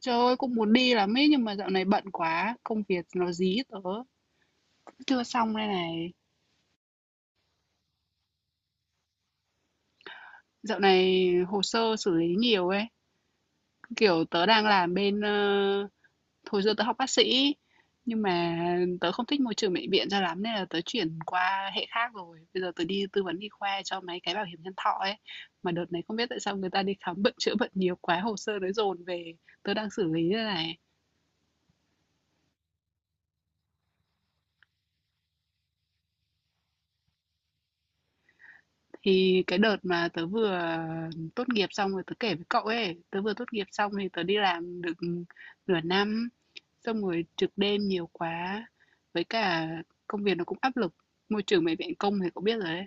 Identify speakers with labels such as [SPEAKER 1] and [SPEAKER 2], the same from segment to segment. [SPEAKER 1] Trời ơi, cũng muốn đi lắm ấy nhưng mà dạo này bận quá, công việc nó dí tớ chưa xong đây này. Dạo này hồ sơ xử lý nhiều ấy, kiểu tớ đang làm bên hồi xưa tớ học bác sĩ nhưng mà tớ không thích môi trường bệnh viện cho lắm nên là tớ chuyển qua hệ khác rồi. Bây giờ tớ đi tư vấn y khoa cho mấy cái bảo hiểm nhân thọ ấy. Mà đợt này không biết tại sao người ta đi khám bệnh chữa bệnh nhiều quá, hồ sơ nó dồn về, tớ đang xử lý đây này. Thì cái đợt mà tớ vừa tốt nghiệp xong rồi tớ kể với cậu ấy, tớ vừa tốt nghiệp xong thì tớ đi làm được nửa năm, xong rồi trực đêm nhiều quá, với cả công việc nó cũng áp lực. Môi trường bệnh viện công thì cậu biết rồi đấy,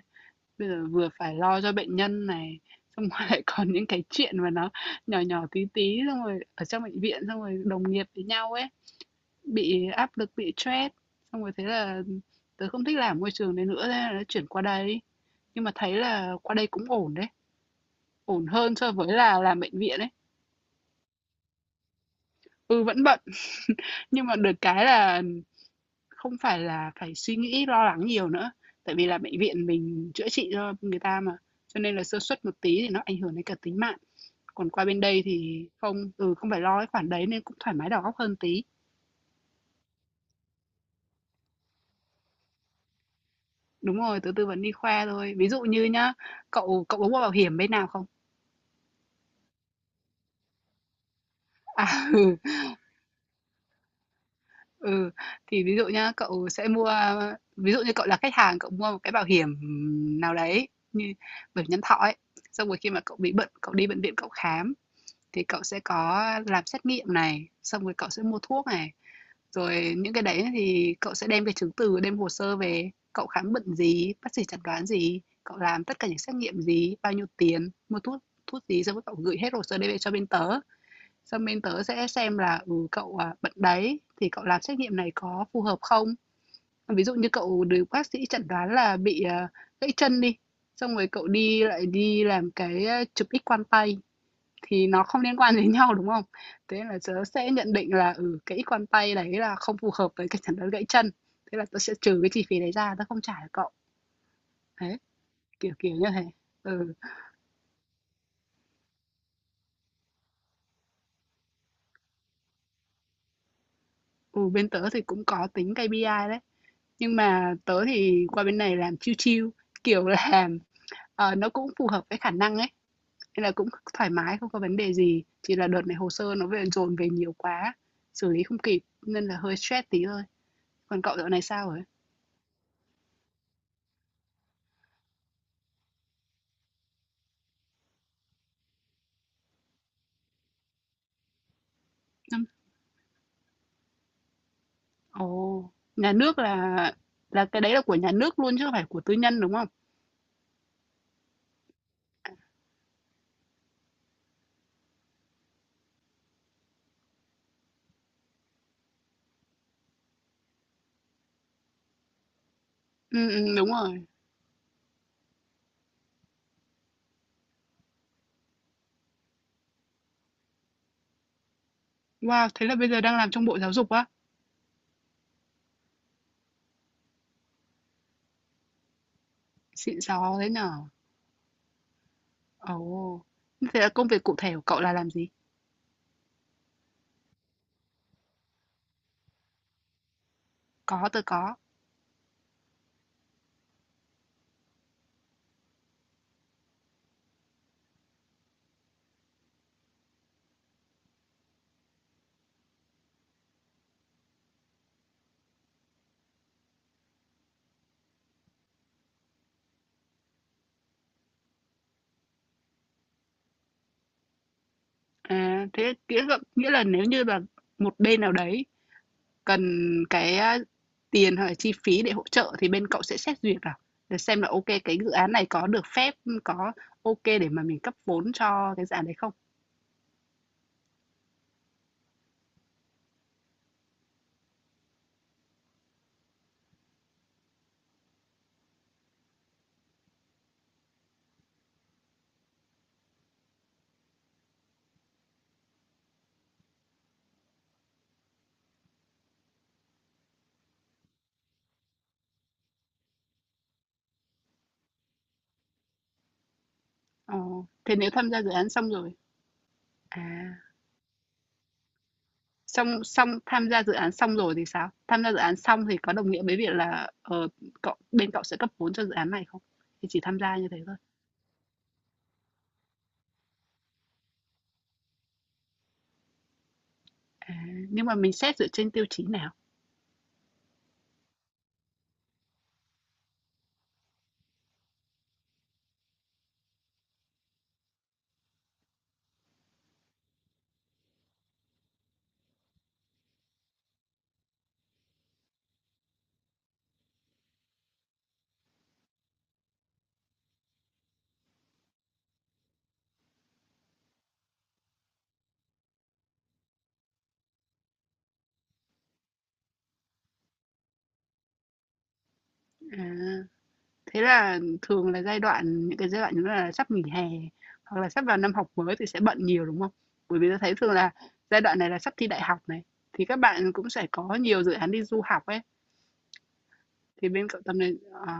[SPEAKER 1] bây giờ vừa phải lo cho bệnh nhân này, xong rồi lại còn những cái chuyện mà nó nhỏ nhỏ tí tí, xong rồi ở trong bệnh viện, xong rồi đồng nghiệp với nhau ấy. Bị áp lực, bị stress, xong rồi thế là tớ không thích làm môi trường đấy nữa, thế là tớ chuyển qua đây. Nhưng mà thấy là qua đây cũng ổn đấy, ổn hơn so với là làm bệnh viện đấy. Ừ, vẫn bận, nhưng mà được cái là không phải là phải suy nghĩ lo lắng nhiều nữa. Tại vì là bệnh viện mình chữa trị cho người ta mà, cho nên là sơ suất một tí thì nó ảnh hưởng đến cả tính mạng. Còn qua bên đây thì không, không phải lo cái khoản đấy nên cũng thoải mái đầu óc hơn tí. Đúng rồi, tớ tư vấn đi khoa thôi. Ví dụ như nhá, cậu cậu có mua bảo hiểm bên nào không? À, ừ, ừ, thì ví dụ nhá, cậu sẽ mua ví dụ như cậu là khách hàng, cậu mua một cái bảo hiểm nào đấy như bảo hiểm nhân thọ ấy, xong rồi khi mà cậu bị bệnh, cậu đi bệnh viện cậu khám thì cậu sẽ có làm xét nghiệm này, xong rồi cậu sẽ mua thuốc này, rồi những cái đấy thì cậu sẽ đem cái chứng từ, đem hồ sơ về, cậu khám bệnh gì, bác sĩ chẩn đoán gì, cậu làm tất cả những xét nghiệm gì, bao nhiêu tiền, mua thuốc thuốc gì, xong rồi cậu gửi hết hồ sơ đấy về cho bên tớ. Xong bên tớ sẽ xem là, cậu, bệnh đấy thì cậu làm xét nghiệm này có phù hợp không? Ví dụ như cậu được bác sĩ chẩn đoán là bị, gãy chân đi, xong rồi cậu đi lại đi làm cái, chụp X quang tay thì nó không liên quan đến nhau, đúng không? Thế là tớ sẽ nhận định là, cái X quang tay đấy là không phù hợp với cái chẩn đoán gãy chân, thế là tớ sẽ trừ cái chi phí đấy ra, tớ không trả cho cậu. Đấy, kiểu như thế. Ừ, ừ, bên tớ thì cũng có tính B.I đấy. Nhưng mà tớ thì qua bên này làm chill chill, kiểu là, nó cũng phù hợp với khả năng ấy, nên là cũng thoải mái, không có vấn đề gì. Chỉ là đợt này hồ sơ nó về dồn về nhiều quá, xử lý không kịp nên là hơi stress tí thôi. Còn cậu dạo này sao rồi? Năm Ồ, nhà nước là cái đấy là của nhà nước luôn chứ không phải của tư nhân đúng không? Ừ, ừ, đúng rồi. Wow, thế là bây giờ đang làm trong Bộ Giáo dục á? Xịn sò thế nhở? Ồ, thế là công việc cụ thể của cậu là làm gì? Có, tôi có. À, thế nghĩa là, nếu như là một bên nào đấy cần cái tiền hoặc là chi phí để hỗ trợ thì bên cậu sẽ xét duyệt à? Để xem là ok cái dự án này có được phép, có ok để mà mình cấp vốn cho cái dự án đấy không? Ờ, thế nếu tham gia dự án xong rồi, à, xong xong tham gia dự án xong rồi thì sao? Tham gia dự án xong thì có đồng nghĩa với việc là ờ, cậu bên cậu sẽ cấp vốn cho dự án này không? Thì chỉ tham gia như thế thôi. À, nhưng mà mình xét dựa trên tiêu chí nào? À, thế là thường là giai đoạn những cái giai đoạn như là sắp nghỉ hè hoặc là sắp vào năm học mới thì sẽ bận nhiều, đúng không? Bởi vì tớ thấy thường là giai đoạn này là sắp thi đại học này, thì các bạn cũng sẽ có nhiều dự án đi du học ấy, thì bên cậu Tâm này, ờ,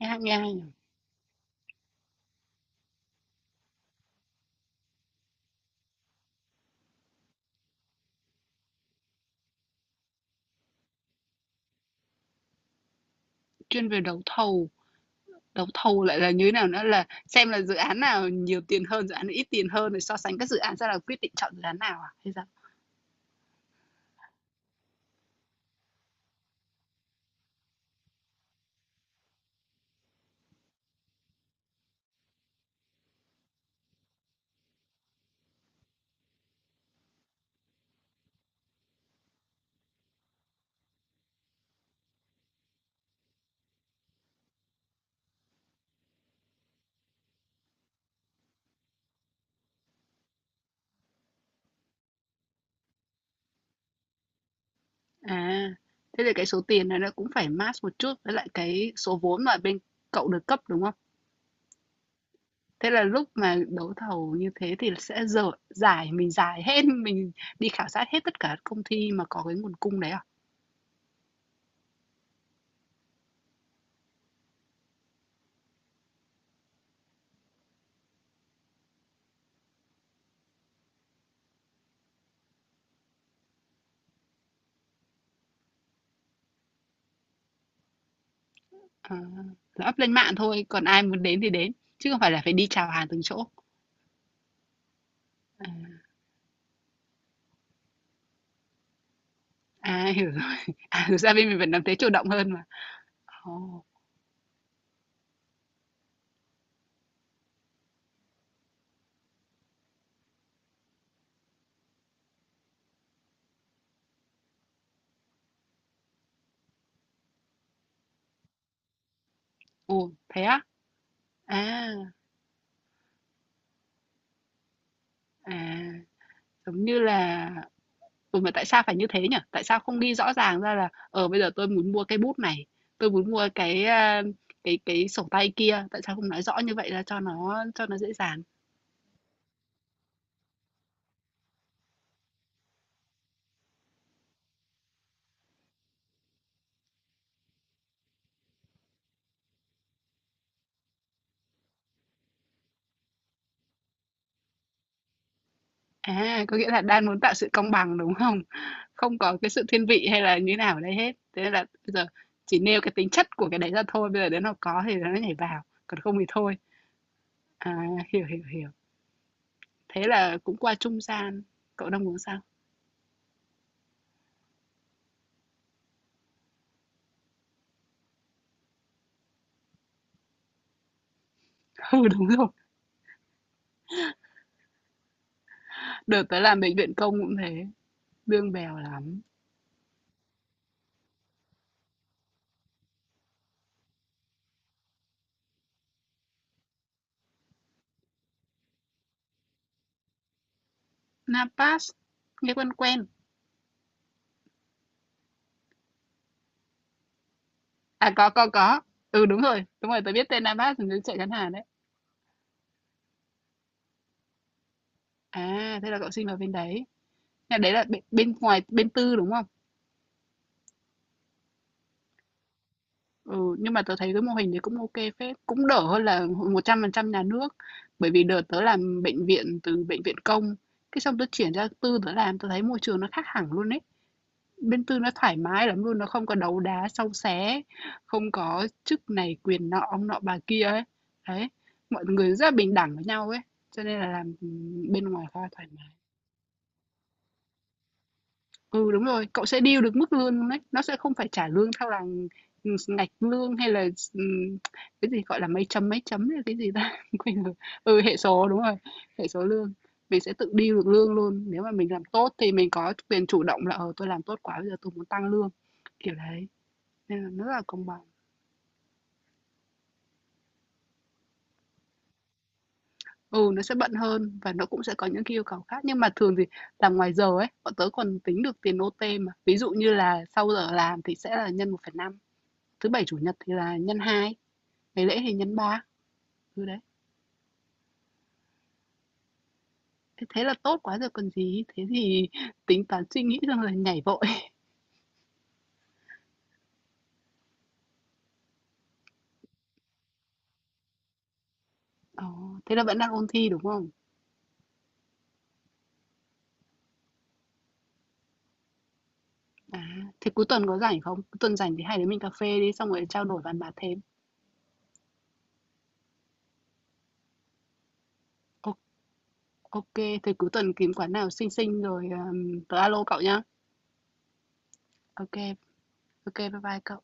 [SPEAKER 1] nghe hay nhỉ? Chuyên về đấu thầu lại là như thế nào nữa là xem là dự án nào nhiều tiền hơn, dự án nào ít tiền hơn rồi so sánh các dự án ra là quyết định chọn dự án nào à? Hay sao? À, thế thì cái số tiền này nó cũng phải match một chút với lại cái số vốn mà bên cậu được cấp, đúng không? Thế là lúc mà đấu thầu như thế thì sẽ dở giải mình giải hết, mình đi khảo sát hết tất cả các công ty mà có cái nguồn cung đấy à? À, là up lên mạng thôi, còn ai muốn đến thì đến, chứ không phải là phải đi chào hàng từng chỗ. À, à hiểu rồi. À, thực ra bên mình vẫn làm thế chủ động hơn mà. Ồ, ồ thế á? À, à giống như là. Ừ, mà tại sao phải như thế nhỉ? Tại sao không đi rõ ràng ra là bây giờ tôi muốn mua cái bút này, tôi muốn mua cái à, cái cái sổ tay kia, tại sao không nói rõ như vậy ra cho nó dễ dàng? À, có nghĩa là đang muốn tạo sự công bằng đúng không? Không có cái sự thiên vị hay là như nào ở đây hết. Thế nên là bây giờ chỉ nêu cái tính chất của cái đấy ra thôi, bây giờ đến nó có thì nó nhảy vào, còn không thì thôi. À, hiểu hiểu hiểu. Thế là cũng qua trung gian. Cậu đang muốn sao? Ừ đúng rồi. Đợt tới làm bệnh viện công cũng thế, bương bèo lắm. Napas, nghe quen quen. À, có, có. Ừ, đúng rồi, tôi biết tên Napas là nước chảy ngắn Hàn đấy. À, thế là cậu sinh vào bên đấy. Nhà đấy là bên ngoài, bên tư đúng không? Ừ, nhưng mà tớ thấy cái mô hình đấy cũng ok phết. Cũng đỡ hơn là 100% nhà nước. Bởi vì đợt tớ làm bệnh viện từ bệnh viện công. Cái xong tớ chuyển ra tư tớ làm, tớ thấy môi trường nó khác hẳn luôn ấy. Bên Tư nó thoải mái lắm luôn, nó không có đấu đá xâu xé, không có chức này quyền nọ, ông nọ bà kia ấy. Đấy, mọi người rất là bình đẳng với nhau ấy, cho nên là làm bên ngoài khá thoải mái. Ừ, đúng rồi, cậu sẽ deal được mức lương luôn đấy, nó sẽ không phải trả lương theo là ngạch lương hay là ừm, cái gì gọi là mấy chấm hay cái gì ta quên rồi. Ừ, hệ số đúng rồi. Hệ số lương mình sẽ tự deal được lương luôn nếu mà mình làm tốt thì mình có quyền chủ động là tôi làm tốt quá bây giờ tôi muốn tăng lương kiểu đấy. Nên là nó rất là công bằng. Ừ, nó sẽ bận hơn và nó cũng sẽ có những cái yêu cầu khác, nhưng mà thường thì làm ngoài giờ ấy, bọn tớ còn tính được tiền OT mà. Ví dụ như là sau giờ làm thì sẽ là nhân 1,5, thứ Bảy, Chủ nhật thì là nhân 2, ngày lễ thì nhân 3, ừ, đấy. Thế thế là tốt quá rồi còn gì, thế thì tính toán suy nghĩ xong rồi nhảy vội. Ờ, thế là vẫn đang ôn thi đúng không? À, thế cuối tuần có rảnh không? Cuối tuần rảnh thì hai đứa mình cà phê đi xong rồi trao đổi bàn bạc thêm. Ô- Ok, thế cuối tuần kiếm quán nào xinh xinh rồi tớ alo cậu nhá. Ok, Ok bye bye cậu